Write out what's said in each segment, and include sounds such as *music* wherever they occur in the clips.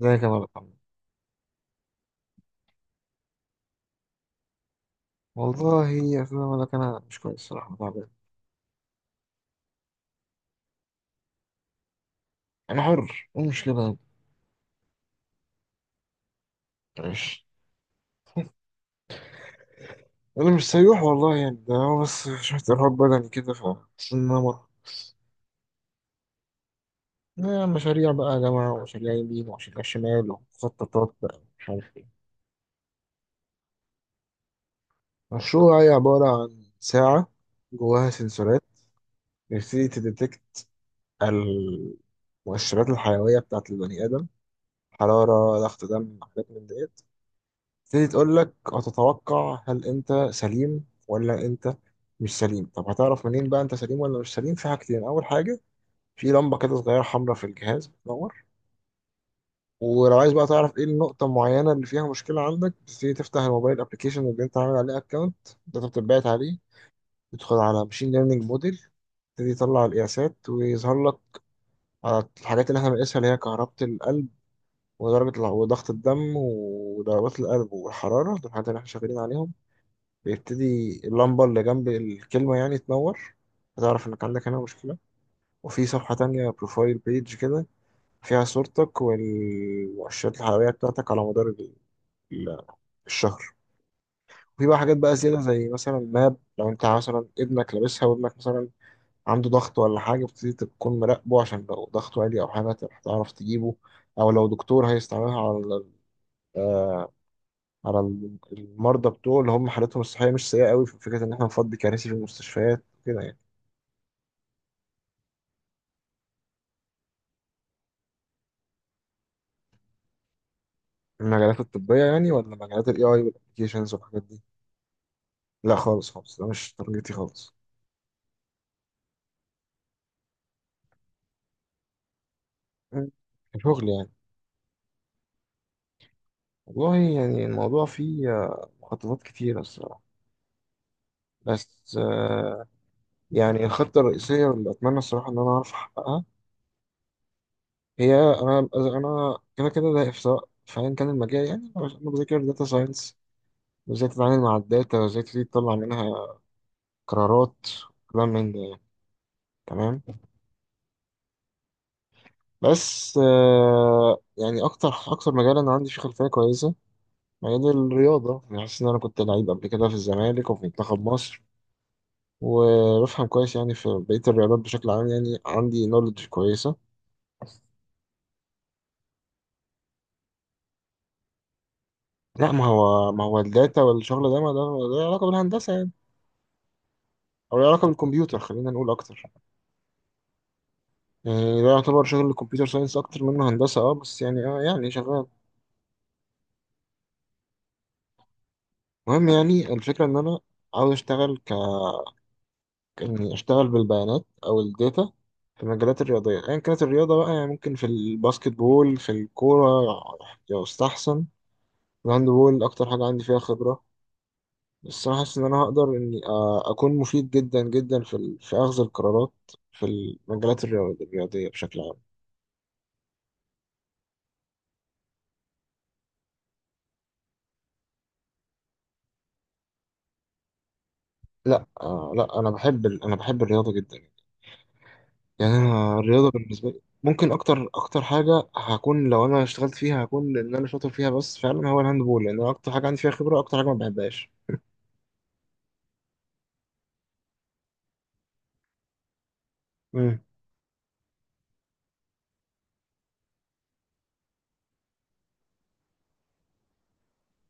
ازيك يا ملك عمرو؟ والله أصل أنا ملك، أنا مش كويس الصراحة، تعبان. أنا حر، أنا مش لبنان. مش أنا مش سيوح والله، يعني ده هو بس شوية إرهاق بدني كده ف بس إن أنا مرة مشاريع بقى يا جماعة، ومشاريع يمين ومشاريع شمال، ومخططات بقى مش عارف إيه. مشروع هي عبارة عن ساعة جواها سنسورات، بتبتدي تديتكت المؤشرات الحيوية بتاعة البني آدم، حرارة، ضغط دم، حاجات من ديت. تبتدي تقول لك هتتوقع هل انت سليم ولا انت مش سليم. طب هتعرف منين بقى انت سليم ولا مش سليم؟ في حاجتين، اول حاجه في لمبه كده صغيره حمراء في الجهاز بتنور. ولو عايز بقى تعرف ايه النقطه المعينه اللي فيها مشكله عندك، تبتدي تفتح الموبايل ابلكيشن اللي انت عامل عليه اكونت، ده انت بتبعت عليه، تدخل على ماشين ليرنينج موديل، تبتدي تطلع القياسات ويظهر لك على الحاجات اللي احنا بنقيسها، اللي هي كهربة القلب وضغط الدم وضربات القلب والحرارة. دول الحاجات اللي احنا شغالين عليهم. بيبتدي اللمبة اللي جنب الكلمة يعني تنور، هتعرف إنك عندك هنا مشكلة. وفي صفحة تانية بروفايل بيج كده، فيها صورتك والمؤشرات الحيوية بتاعتك على مدار ال- الشهر. وفي بقى حاجات بقى زيادة، زي مثلا ماب، لو أنت مثلا ابنك لابسها وابنك مثلا عنده ضغط ولا حاجة، بتبتدي تكون مراقبه، عشان لو ضغطه عالي أو حاجة تعرف تجيبه. أو لو دكتور هيستعملها على آه، على المرضى بتوعه اللي هم حالتهم الصحية مش سيئة قوي، في فكرة إن إحنا نفضي كراسي في المستشفيات كده يعني. المجالات الطبية يعني ولا مجالات ال AI والابلكيشنز والحاجات دي؟ لا خالص خالص، ده مش تارجتي خالص. مم. كشغل يعني؟ والله يعني الموضوع فيه مخططات كتيرة الصراحة. بس يعني الخطة الرئيسية اللي أتمنى الصراحة إن أنا أعرف أحققها، هي أنا كده كده ده، سواء في أيا كان المجال، يعني أنا بذاكر داتا ساينس وإزاي تتعامل مع الداتا وإزاي تبتدي تطلع منها قرارات وكلام من ده يعني. تمام. بس يعني أكتر أكتر مجال أنا عندي فيه خلفية كويسة مجال الرياضة، يعني حاسس إن أنا كنت لعيب قبل كده في الزمالك وفي منتخب مصر، وبفهم كويس يعني في بقية الرياضات بشكل عام، يعني عندي نولج كويسة. لا ما هو الداتا والشغل ده ما ده علاقة بالهندسة يعني، أو له علاقة بالكمبيوتر خلينا نقول أكتر. يعني ده يعتبر شغل الكمبيوتر ساينس أكتر منه هندسة، أه بس يعني أه يعني شغال. المهم يعني الفكرة إن أنا عاوز أشتغل، إني أشتغل بالبيانات أو الداتا في المجالات الرياضية، أيا كانت الرياضة بقى، يعني ممكن في الباسكت بول، في الكورة يستحسن، الهاند بول أكتر حاجة عندي فيها خبرة. بس أنا حاسس إن أنا هقدر إني أكون مفيد جدا جدا في في أخذ القرارات في الرياضية بشكل عام. لا آه لا، أنا بحب أنا بحب الرياضة جدا. يعني أنا الرياضة بالنسبة لي ممكن أكتر أكتر حاجة هكون، لو أنا اشتغلت فيها هكون إن أنا شاطر فيها بس فعلا هو الهاند بول، لأن أنا أكتر حاجة عندي فيها خبرة أكتر حاجة ما بحبهاش. مم.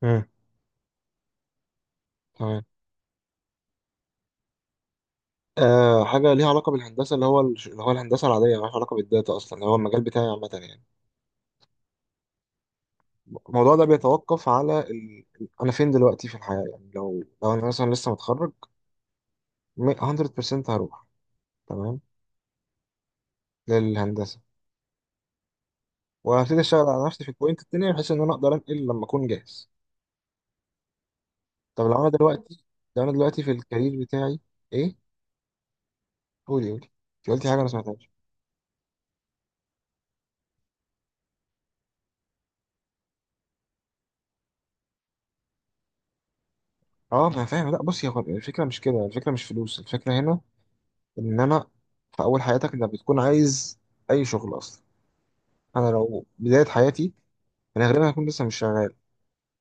مم. تمام. آه، حاجة ليها علاقة بالهندسة، اللي هو اللي هو الهندسة العادية مالهاش علاقة بالداتا أصلا اللي هو المجال بتاعي عامة يعني، الموضوع ده بيتوقف على ال... أنا فين دلوقتي في الحياة، يعني لو أنا مثلا لسه متخرج، 100% هروح، تمام، للهندسة، وهبتدي أشتغل على نفسي في البوينت التانية بحيث إن أنا أقدر أنقل لما أكون جاهز. طب لو أنا دلوقتي، لو أنا دلوقتي في الكارير بتاعي. إيه؟ قولي قولي، أنت قلتي حاجة أنا ما سمعتهاش. أه ما أنا فاهم. لا بصي، هو الفكرة مش كده، الفكرة مش فلوس، الفكرة هنا انما في اول حياتك انت بتكون عايز اي شغل اصلا. انا لو بدايه حياتي انا غالبا هكون لسه مش شغال،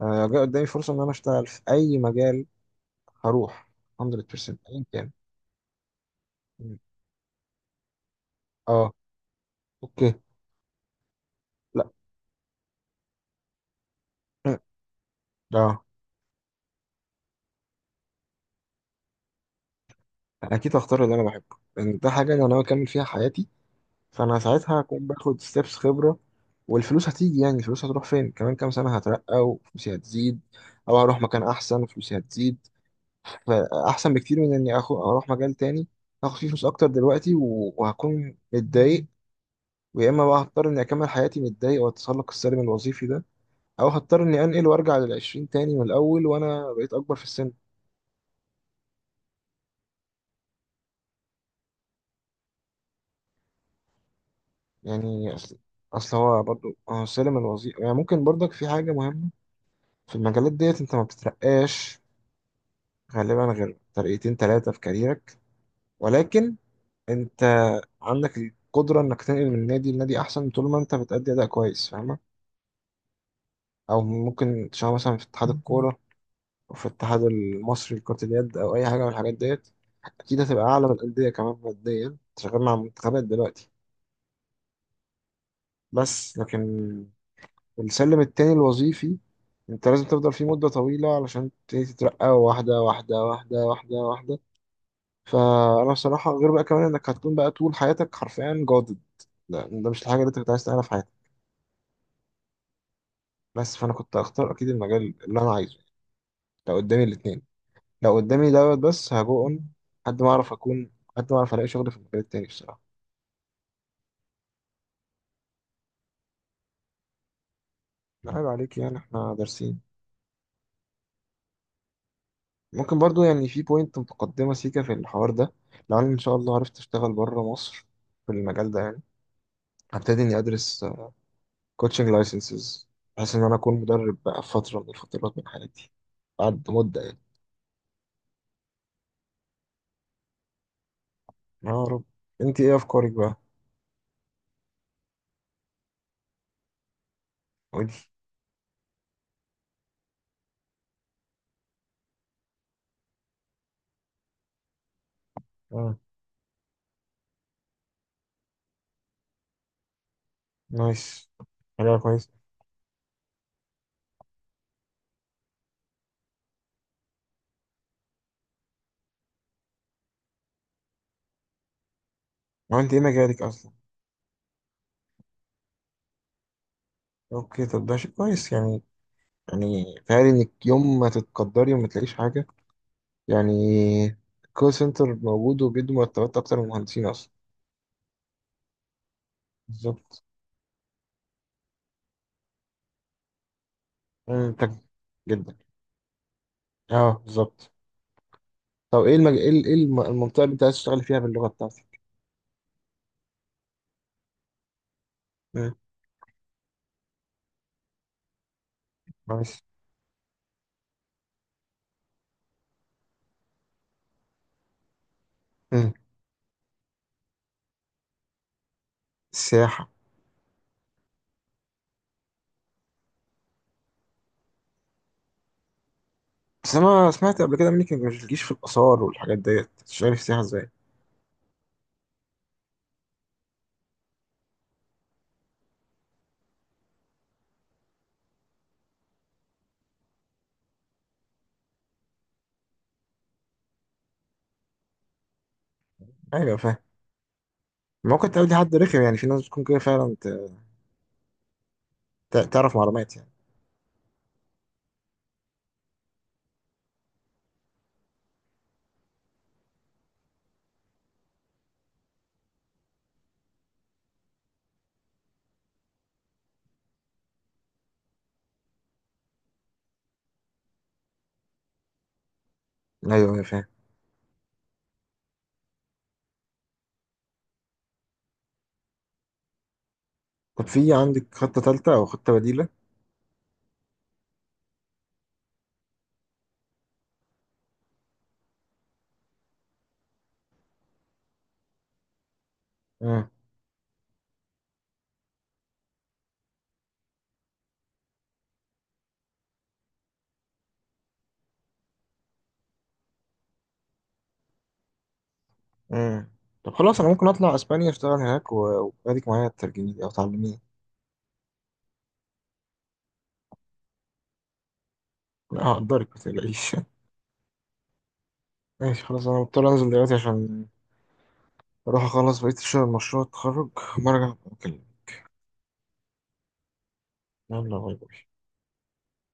انا لو جه قدامي فرصه ان انا اشتغل في اي مجال هروح 100% ايا كان. م. اه. اوكي. لا. م. اه. انا اكيد هختار اللي انا بحبه، لان ده حاجه انا ناوي اكمل فيها حياتي، فانا ساعتها هكون باخد ستيبس خبره والفلوس هتيجي، يعني الفلوس هتروح فين؟ كمان كام سنه هترقى وفلوسي هتزيد، او هروح مكان احسن وفلوسي هتزيد. فاحسن بكتير من اني أخو اروح مجال تاني هاخد فيه فلوس اكتر دلوقتي وهكون متضايق، ويا اما بقى هضطر اني اكمل حياتي متضايق والتسلق السلبي الوظيفي ده، او هضطر اني انقل وارجع للعشرين تاني من الاول وانا بقيت اكبر في السن. يعني اصل، اصل هو برضو هو السلم الوظيفي يعني ممكن برضك في حاجة مهمة، في المجالات ديت انت ما بتترقاش غالبا غير ترقيتين تلاتة في كاريرك، ولكن انت عندك القدرة انك تنقل من نادي لنادي احسن طول ما انت بتأدي اداء كويس، فاهم؟ او ممكن تشتغل مثلا في اتحاد الكوره، وفي الاتحاد المصري لكرة اليد او اي حاجه من الحاجات ديت، اكيد هتبقى اعلى من الانديه كمان ماديا، أنت شغال مع منتخبات دلوقتي. بس لكن السلم التاني الوظيفي انت لازم تفضل فيه مده طويله علشان تبتدي تترقى واحده واحده واحده واحده واحده، فانا بصراحه غير بقى كمان انك هتكون بقى طول حياتك حرفيا جادد، لا ده مش الحاجه اللي انت كنت عايز تعملها في حياتك. بس فانا كنت هختار اكيد المجال اللي انا عايزه لو قدامي الاثنين. لو قدامي دوت بس هجو اون، لحد ما اعرف اكون، لحد ما اعرف الاقي شغل في المجال التاني بصراحه. لا، عيب عليك يعني، احنا دارسين. ممكن برضو يعني في بوينت متقدمه سيكا في الحوار ده، لو انا ان شاء الله عرفت اشتغل بره مصر في المجال ده يعني، هبتدي اني ادرس كوتشنج لايسنسز بحيث ان انا اكون مدرب بقى في فتره من الفترات من حياتي، بعد مده يعني. يا رب. انت ايه افكارك بقى؟ قولي. اه. نايس. حاجه كويس. ما انت ايه مجالك اصلا؟ اوكي، طب ده شيء كويس يعني. يعني تخيل انك يوم ما تتقدري وما تلاقيش حاجة، يعني الكول سنتر موجود وبيدوا مرتبات أكتر من المهندسين أصلا. بالظبط. منتج جدا. اه بالظبط. طب ايه المج... ايه إيه المنطقة اللي انت عايز تشتغل فيها باللغة بتاعتك؟ مم. ماشي. مم. السياحة. بس أنا سمعت قبل كده منك إنك مش بتجيش في الآثار والحاجات ديت، تشتغلي في السياحة إزاي؟ أيوة فاهم. ممكن تقابلي حد رخم يعني، في ناس بتكون كده فعلا ت... تعرف معلومات يعني. أيوة أيوة فاهم. طب في عندك خطة تالتة أو خطة بديلة؟ مم. مم. طب خلاص انا ممكن اطلع اسبانيا اشتغل هناك واديك معايا ترجمي لي او تعلميني. لا هقدرك ما تقلقيش. *laughs* ماشي خلاص، انا مضطر انزل دلوقتي عشان اروح اخلص بقية الشغل، مشروع التخرج، وأما ارجع أبقى اكلمك. يلا باي باي.